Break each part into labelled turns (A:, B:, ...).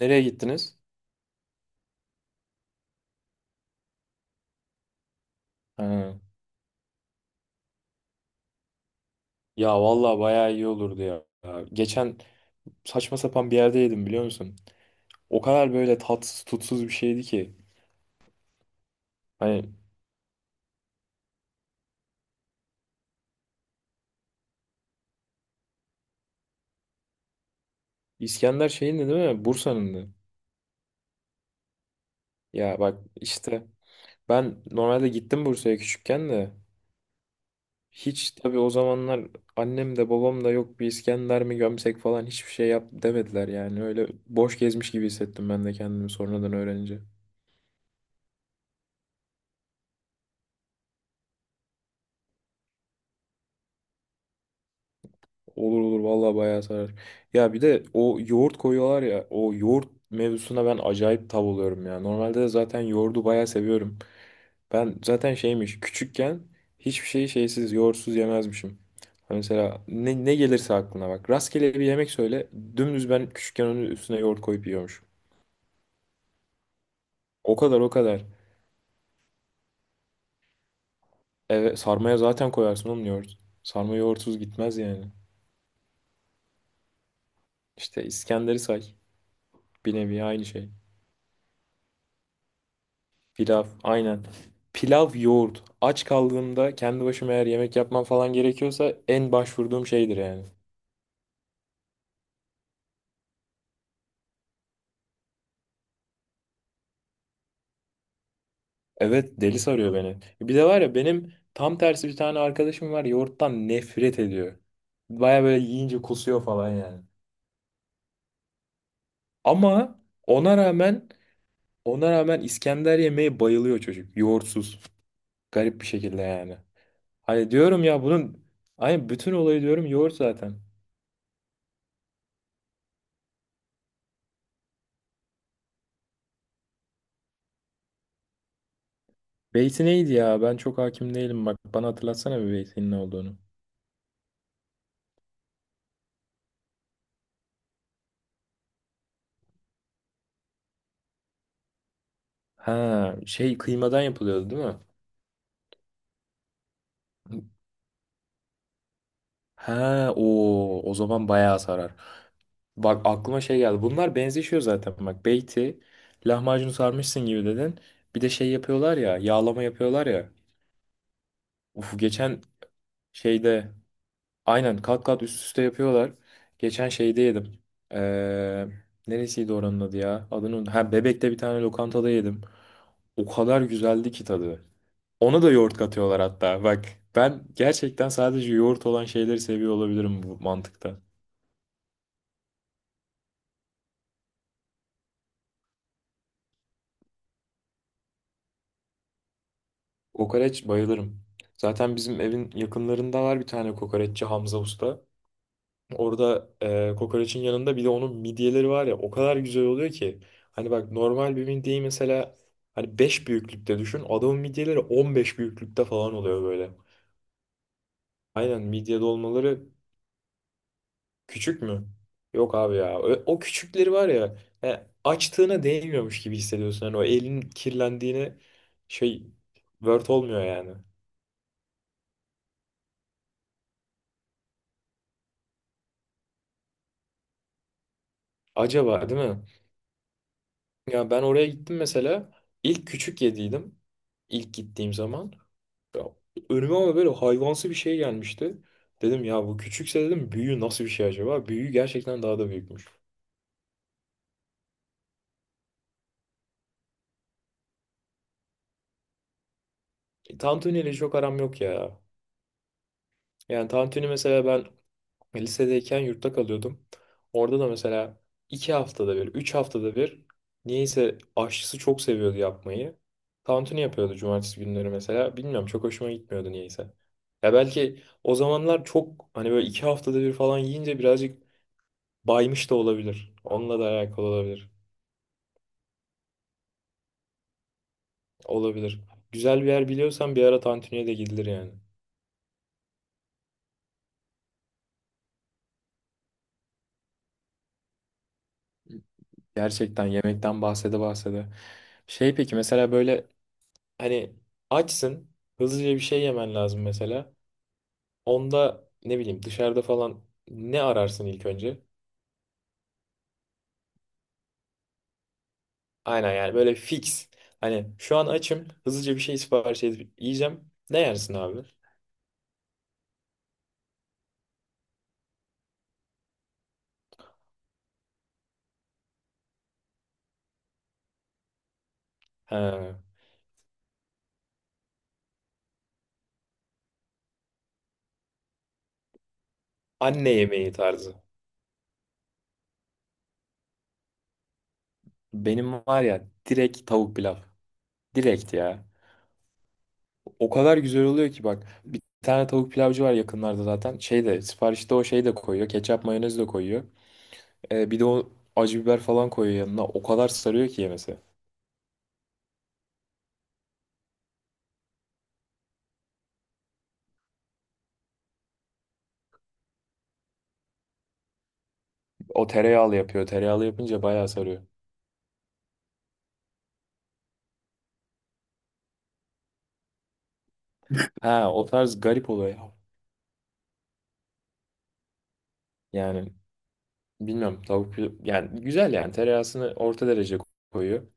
A: Nereye gittiniz? Ha. Ya vallahi bayağı iyi olurdu ya. Ya geçen saçma sapan bir yerde yedim biliyor musun? O kadar böyle tatsız tutsuz bir şeydi ki. Hani İskender şeyindi değil mi? Bursa'nındı. Ya bak işte ben normalde gittim Bursa'ya küçükken de. Hiç tabii o zamanlar annem de babam da yok bir İskender mi gömsek falan hiçbir şey yap demediler yani. Öyle boş gezmiş gibi hissettim ben de kendimi sonradan öğrenince. Olur olur vallahi bayağı sarar. Ya bir de o yoğurt koyuyorlar ya o yoğurt mevzusuna ben acayip tav oluyorum ya. Normalde de zaten yoğurdu bayağı seviyorum. Ben zaten şeymiş küçükken hiçbir şeyi şeysiz yoğurtsuz yemezmişim. Hani mesela ne gelirse aklına bak. Rastgele bir yemek söyle dümdüz ben küçükken onun üstüne yoğurt koyup yiyormuşum. O kadar, o kadar. Evet, sarmaya zaten koyarsın oğlum yoğurt. Sarma yoğurtsuz gitmez yani. İşte İskender'i say. Bir nevi aynı şey. Pilav, aynen. Pilav, yoğurt. Aç kaldığımda kendi başıma eğer yemek yapmam falan gerekiyorsa en başvurduğum şeydir yani. Evet, deli sarıyor beni. Bir de var ya benim tam tersi bir tane arkadaşım var yoğurttan nefret ediyor. Baya böyle yiyince kusuyor falan yani. Ama ona rağmen ona rağmen İskender yemeği bayılıyor çocuk. Yoğurtsuz. Garip bir şekilde yani. Hani diyorum ya bunun hani bütün olayı diyorum yoğurt zaten. Beyti neydi ya? Ben çok hakim değilim. Bak bana hatırlatsana bir beytin ne olduğunu. Ha, şey kıymadan yapılıyordu değil mi? Ha, o zaman bayağı sarar. Bak aklıma şey geldi. Bunlar benzeşiyor zaten. Bak beyti lahmacunu sarmışsın gibi dedin. Bir de şey yapıyorlar ya, yağlama yapıyorlar ya. Uf geçen şeyde aynen kat kat üst üste yapıyorlar. Geçen şeyde yedim. Ee, Neresiydi oranın adı ya? Ha, Bebek'te bir tane lokantada yedim. O kadar güzeldi ki tadı. Ona da yoğurt katıyorlar hatta. Bak ben gerçekten sadece yoğurt olan şeyleri seviyor olabilirim bu mantıkta. Kokoreç bayılırım. Zaten bizim evin yakınlarında var bir tane kokoreççi Hamza Usta. Orada kokoreçin yanında bir de onun midyeleri var ya o kadar güzel oluyor ki. Hani bak normal bir midyeyi mesela hani 5 büyüklükte düşün. Adamın midyeleri 15 büyüklükte falan oluyor böyle. Aynen midye dolmaları küçük mü? Yok abi ya. O küçükleri var ya açtığına değmiyormuş gibi hissediyorsun. Hani o elin kirlendiğine şey vert olmuyor yani. Acaba değil mi? Ya ben oraya gittim mesela. İlk küçük yediydim. İlk gittiğim zaman. Ya, önüme ama böyle hayvansı bir şey gelmişti. Dedim ya bu küçükse dedim büyüğü nasıl bir şey acaba? Büyüğü gerçekten daha da büyükmüş. Tantuni ile çok aram yok ya. Yani tantuni mesela ben lisedeyken yurtta kalıyordum. Orada da mesela 2 haftada bir, 3 haftada bir niyeyse aşçısı çok seviyordu yapmayı. Tantuni yapıyordu cumartesi günleri mesela. Bilmiyorum çok hoşuma gitmiyordu niyeyse. Ya belki o zamanlar çok hani böyle 2 haftada bir falan yiyince birazcık baymış da olabilir. Onunla da alakalı olabilir. Olabilir. Güzel bir yer biliyorsan bir ara tantuniye de gidilir yani. Gerçekten yemekten bahsede bahsede. Şey peki mesela böyle hani açsın hızlıca bir şey yemen lazım mesela. Onda ne bileyim dışarıda falan ne ararsın ilk önce? Aynen yani böyle fix. Hani şu an açım hızlıca bir şey sipariş edip yiyeceğim. Ne yersin abi? Ha, anne yemeği tarzı. Benim var ya direkt tavuk pilav. Direkt ya. O kadar güzel oluyor ki bak. Bir tane tavuk pilavcı var yakınlarda zaten. Şey de siparişte o şey de koyuyor. Ketçap, mayonez de koyuyor. Bir de o acı biber falan koyuyor yanına. O kadar sarıyor ki yemesi. O tereyağlı yapıyor. Tereyağlı yapınca bayağı sarıyor. Ha o tarz garip oluyor ya. Yani bilmiyorum tavuk pilav yani güzel yani tereyağısını orta derece koyuyor.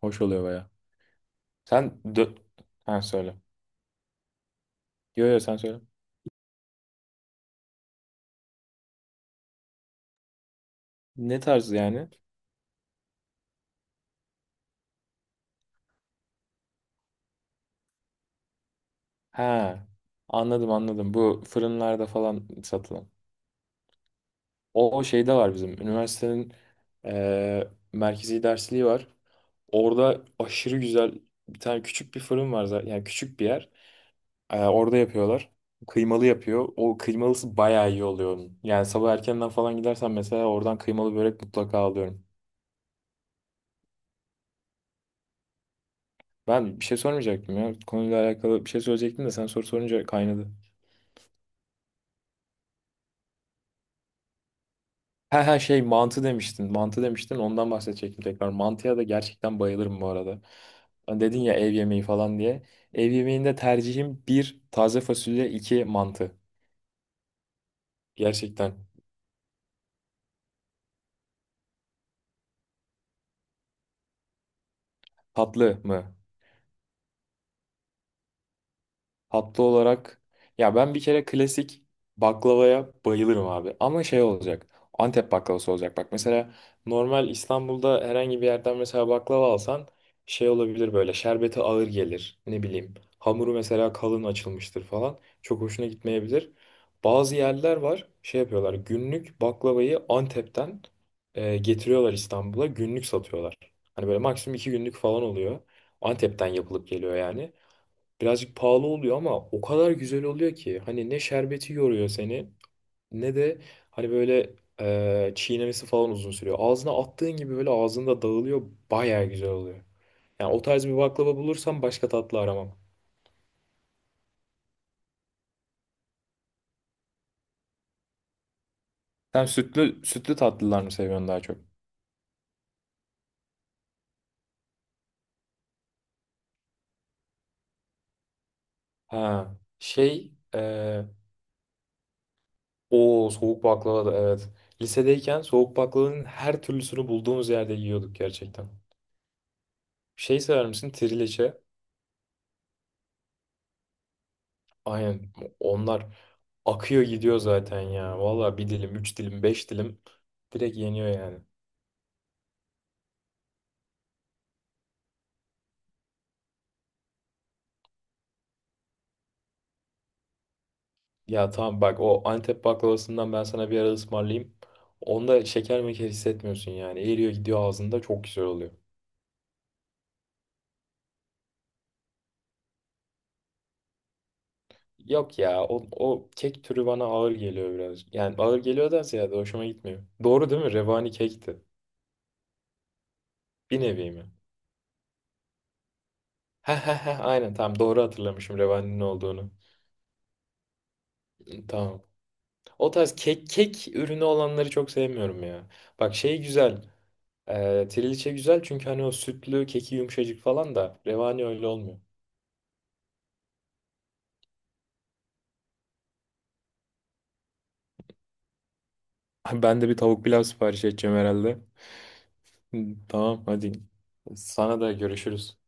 A: Hoş oluyor bayağı. Sen dö Ha, söyle. Yo, yo, sen söyle. Ne tarz yani? Ha, anladım anladım. Bu fırınlarda falan satılan. O şeyde var bizim. Üniversitenin eee, merkezi dersliği var. Orada aşırı güzel bir tane küçük bir fırın var zaten. Yani küçük bir yer. Orada yapıyorlar. Kıymalı yapıyor. O kıymalısı bayağı iyi oluyor onun. Yani sabah erkenden falan gidersen mesela oradan kıymalı börek mutlaka alıyorum. Ben bir şey sormayacaktım ya. Konuyla alakalı bir şey söyleyecektim de sen soru sorunca kaynadı. He he, şey mantı demiştin. Mantı demiştin. Ondan bahsedecektim tekrar. Mantıya da gerçekten bayılırım bu arada. Hani dedin ya ev yemeği falan diye. Ev yemeğinde tercihim bir taze fasulye, iki mantı. Gerçekten. Tatlı mı? Tatlı olarak ya ben bir kere klasik baklavaya bayılırım abi. Ama şey olacak. Antep baklavası olacak. Bak mesela normal İstanbul'da herhangi bir yerden mesela baklava alsan şey olabilir böyle şerbeti ağır gelir. Ne bileyim. Hamuru mesela kalın açılmıştır falan. Çok hoşuna gitmeyebilir. Bazı yerler var şey yapıyorlar. Günlük baklavayı Antep'ten getiriyorlar İstanbul'a. Günlük satıyorlar. Hani böyle maksimum 2 günlük falan oluyor. Antep'ten yapılıp geliyor yani. Birazcık pahalı oluyor ama o kadar güzel oluyor ki hani ne şerbeti yoruyor seni ne de hani böyle çiğnemesi falan uzun sürüyor. Ağzına attığın gibi böyle ağzında dağılıyor baya güzel oluyor. Yani o tarz bir baklava bulursam başka tatlı aramam. Sen sütlü sütlü tatlılar mı seviyorsun daha çok? Ha şey o soğuk baklava da evet. Lisedeyken soğuk baklavanın her türlüsünü bulduğumuz yerde yiyorduk gerçekten. Şey sever misin? Trileçe. Aynen onlar akıyor gidiyor zaten ya. Valla bir dilim, üç dilim, beş dilim direkt yeniyor yani. Ya tamam bak o Antep baklavasından ben sana bir ara ısmarlayayım. Onda şeker meker hissetmiyorsun yani. Eriyor gidiyor ağzında çok güzel oluyor. Yok ya o kek türü bana ağır geliyor biraz. Yani ağır geliyor da ziyade hoşuma gitmiyor. Doğru değil mi? Revani kekti. Bir nevi mi? He he he, aynen, tamam, doğru hatırlamışım Revani'nin olduğunu. Tamam. O tarz kek ürünü olanları çok sevmiyorum ya. Bak şey güzel. Triliçe güzel çünkü hani o sütlü keki yumuşacık falan da revani öyle olmuyor. Ben de bir tavuk pilav sipariş edeceğim herhalde. Hı. Tamam, hadi. Sana da görüşürüz.